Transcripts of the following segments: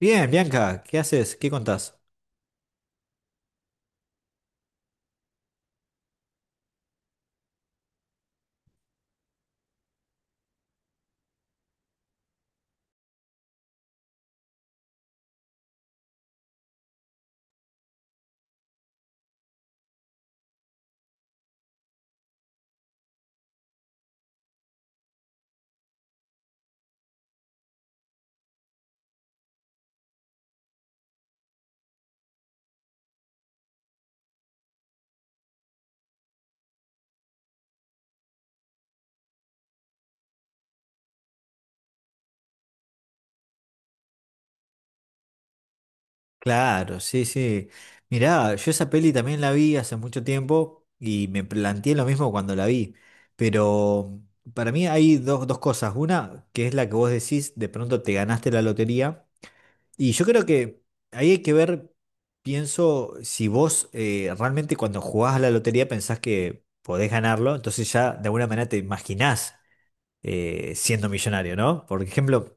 Bien, Bianca, ¿qué haces? ¿Qué contás? Claro, sí, sí. Mirá, yo esa peli también la vi hace mucho tiempo y me planteé lo mismo cuando la vi. Pero para mí hay dos cosas. Una, que es la que vos decís, de pronto te ganaste la lotería. Y yo creo que ahí hay que ver, pienso, si vos realmente cuando jugás a la lotería pensás que podés ganarlo, entonces ya de alguna manera te imaginás siendo millonario, ¿no? Por ejemplo...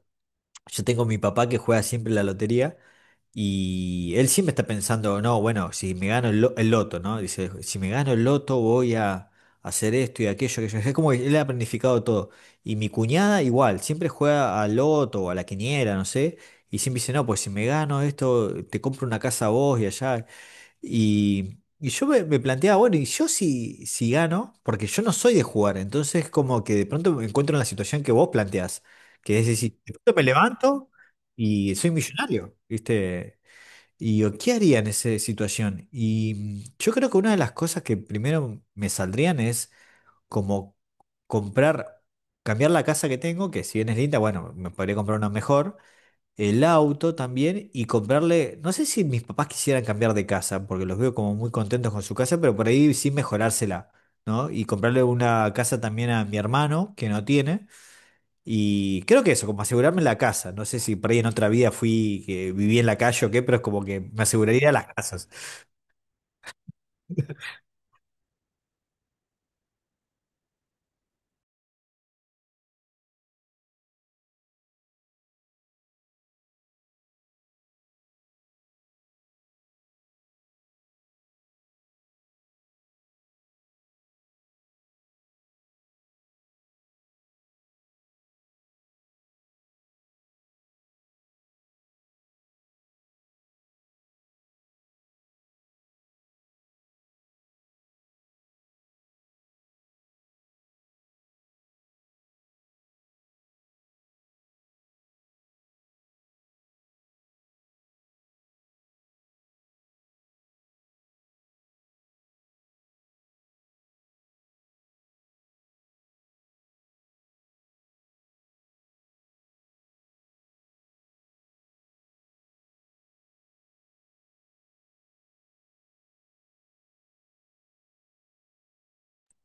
Yo tengo mi papá que juega siempre la lotería y él siempre está pensando, no, bueno, si me gano el, el loto, ¿no? Dice, si me gano el loto voy a hacer esto y aquello, aquello. Es como que él ha planificado todo. Y mi cuñada igual, siempre juega al loto o a la quiniela, no sé. Y siempre dice, no, pues si me gano esto, te compro una casa a vos y allá. Y yo me planteaba, bueno, y yo si gano, porque yo no soy de jugar, entonces como que de pronto me encuentro en la situación que vos planteás, que es decir, de pronto me levanto y soy millonario, ¿viste? Y yo, ¿qué haría en esa situación? Y yo creo que una de las cosas que primero me saldrían es como comprar, cambiar la casa que tengo, que si bien es linda, bueno, me podría comprar una mejor el auto también y comprarle, no sé si mis papás quisieran cambiar de casa, porque los veo como muy contentos con su casa, pero por ahí sí mejorársela, ¿no? Y comprarle una casa también a mi hermano, que no tiene, y creo que eso, como asegurarme la casa, no sé si por ahí en otra vida fui, que viví en la calle o qué, pero es como que me aseguraría las casas.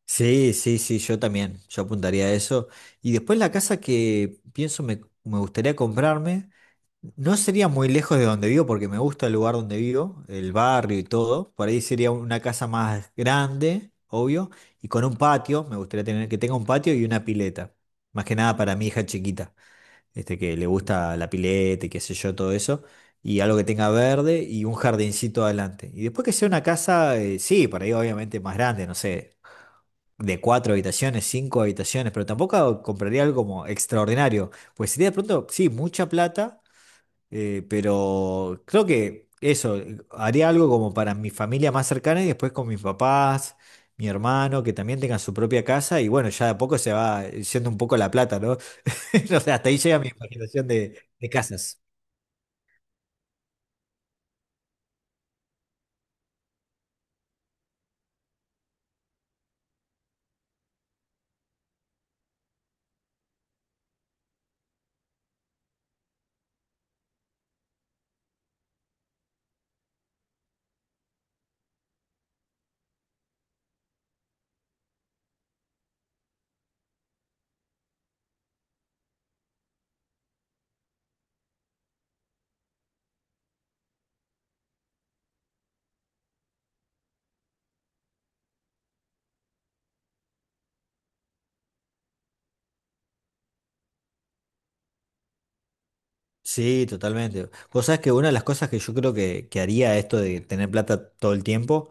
Sí, sí, sí, yo también, yo apuntaría a eso. Y después la casa que pienso me gustaría comprarme. No sería muy lejos de donde vivo porque me gusta el lugar donde vivo, el barrio y todo. Por ahí sería una casa más grande, obvio, y con un patio. Me gustaría tener que tenga un patio y una pileta. Más que nada para mi hija chiquita, este que le gusta la pileta y qué sé yo, todo eso. Y algo que tenga verde y un jardincito adelante. Y después que sea una casa, sí, por ahí obviamente más grande, no sé, de cuatro habitaciones, cinco habitaciones, pero tampoco compraría algo como extraordinario. Pues sería de pronto, sí, mucha plata pero creo que eso, haría algo como para mi familia más cercana y después con mis papás, mi hermano, que también tengan su propia casa y bueno, ya de a poco se va yendo un poco la plata, ¿no? O sea, hasta ahí llega mi imaginación de casas. Sí, totalmente. Vos sabés que una de las cosas que yo creo que haría esto de tener plata todo el tiempo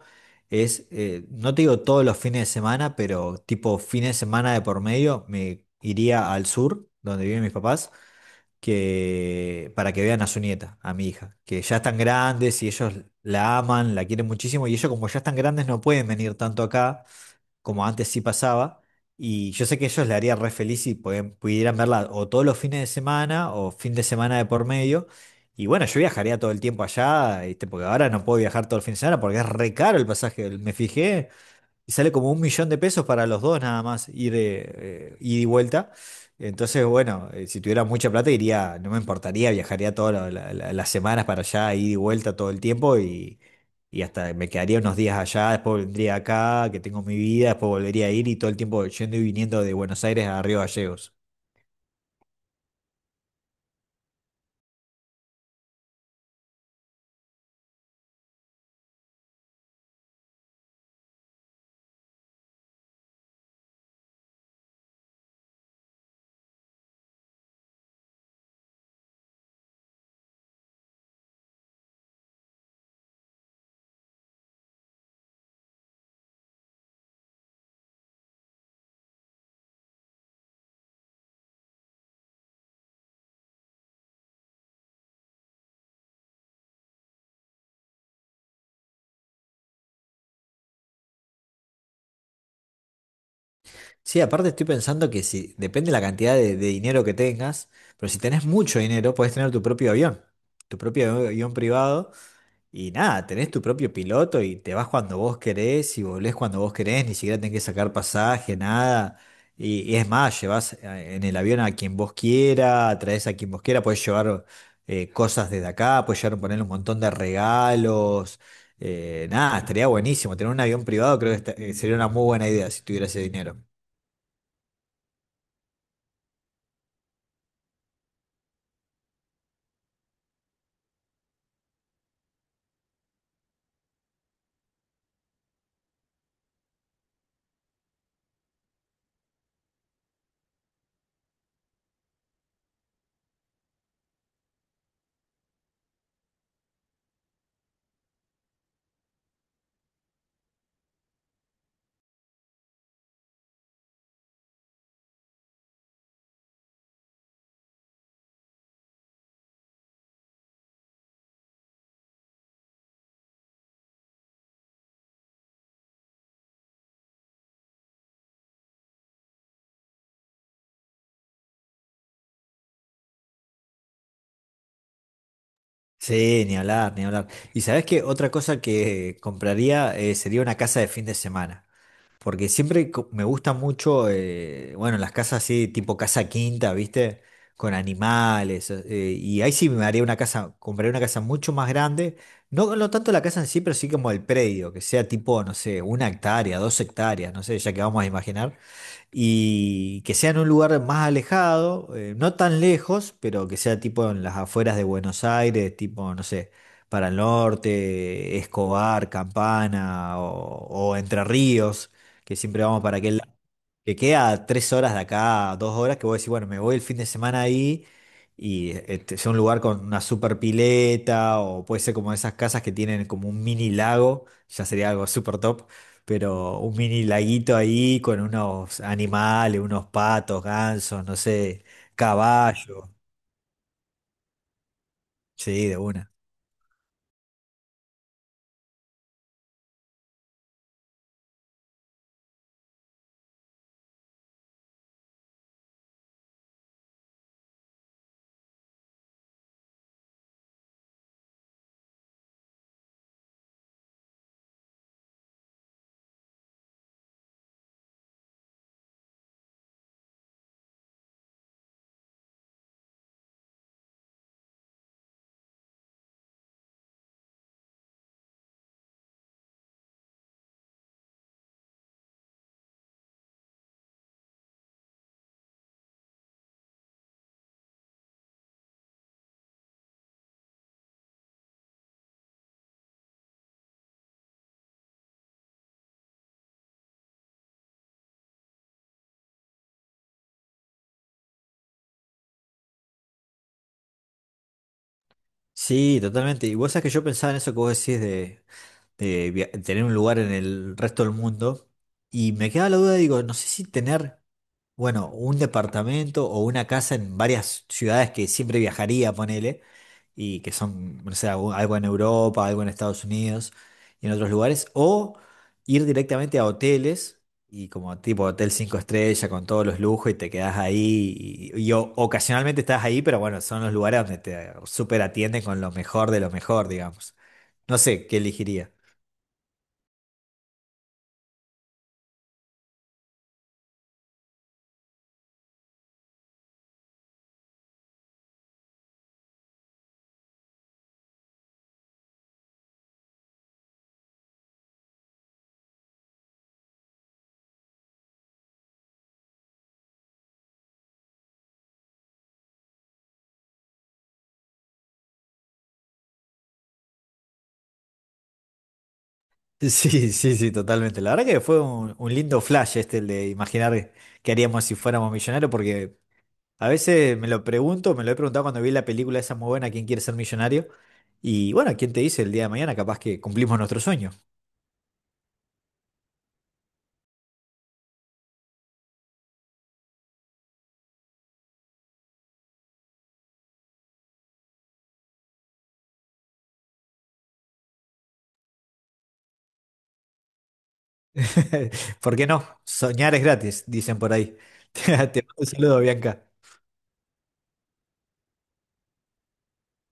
es, no te digo todos los fines de semana, pero tipo fines de semana de por medio, me iría al sur, donde viven mis papás que para que vean a su nieta, a mi hija, que ya están grandes y ellos la aman, la quieren muchísimo y ellos como ya están grandes no pueden venir tanto acá como antes sí pasaba y yo sé que ellos le haría re feliz si pudieran verla o todos los fines de semana o fin de semana de por medio y bueno, yo viajaría todo el tiempo allá, ¿viste? Porque ahora no puedo viajar todo el fin de semana porque es re caro el pasaje, me fijé y sale como 1.000.000 de pesos para los dos nada más, ir, ida y vuelta. Entonces, bueno, si tuviera mucha plata iría, no me importaría, viajaría todas las semanas para allá, ida y vuelta todo el tiempo y hasta me quedaría unos días allá, después vendría acá, que tengo mi vida, después volvería a ir y todo el tiempo yendo y viniendo de Buenos Aires a Río Gallegos. Sí, aparte estoy pensando que si, depende de la cantidad de dinero que tengas, pero si tenés mucho dinero, podés tener tu propio avión privado. Y nada, tenés tu propio piloto y te vas cuando vos querés y volvés cuando vos querés, ni siquiera tenés que sacar pasaje, nada. Y es más, llevas en el avión a quien vos quiera, traes a quien vos quiera, podés llevar cosas desde acá, podés llevar, poner un montón de regalos. Nada, estaría buenísimo. Tener un avión privado creo que sería una muy buena idea si tuviera ese dinero. Sí, ni hablar, ni hablar. ¿Y sabés qué? Otra cosa que compraría sería una casa de fin de semana. Porque siempre me gusta mucho, bueno, las casas así, tipo casa quinta, ¿viste? Con animales. Y ahí sí me haría una casa, compraría una casa mucho más grande. No, no tanto la casa en sí, pero sí como el predio, que sea tipo, no sé, 1 hectárea, 2 hectáreas, no sé, ya que vamos a imaginar y que sea en un lugar más alejado, no tan lejos, pero que sea tipo en las afueras de Buenos Aires, tipo, no sé, para el norte, Escobar, Campana o Entre Ríos, que siempre vamos para aquel lado, que queda a 3 horas de acá, 2 horas, que voy a decir, bueno, me voy el fin de semana ahí. Y este, sea un lugar con una super pileta, o puede ser como esas casas que tienen como un mini lago, ya sería algo super top, pero un mini laguito ahí con unos animales, unos patos, gansos, no sé, caballos. Sí, de una. Sí, totalmente. Y vos sabés que yo pensaba en eso que vos decís de tener un lugar en el resto del mundo. Y me quedaba la duda, digo, no sé si tener, bueno, un departamento o una casa en varias ciudades que siempre viajaría, ponele, y que son, no sé, algo en Europa, algo en Estados Unidos y en otros lugares, o ir directamente a hoteles. Y como tipo hotel 5 estrellas con todos los lujos y te quedás ahí y ocasionalmente estás ahí, pero bueno, son los lugares donde te super atienden con lo mejor de lo mejor, digamos. No sé, ¿qué elegiría? Sí, sí, sí, totalmente. La verdad que fue un lindo flash este, el de imaginar qué haríamos si fuéramos millonarios, porque a veces me lo pregunto, me lo he preguntado cuando vi la película esa muy buena, ¿Quién quiere ser millonario? Y bueno, ¿quién te dice el día de mañana capaz que cumplimos nuestro sueño? ¿Por qué no? Soñar es gratis, dicen por ahí. Te mando un saludo, Bianca.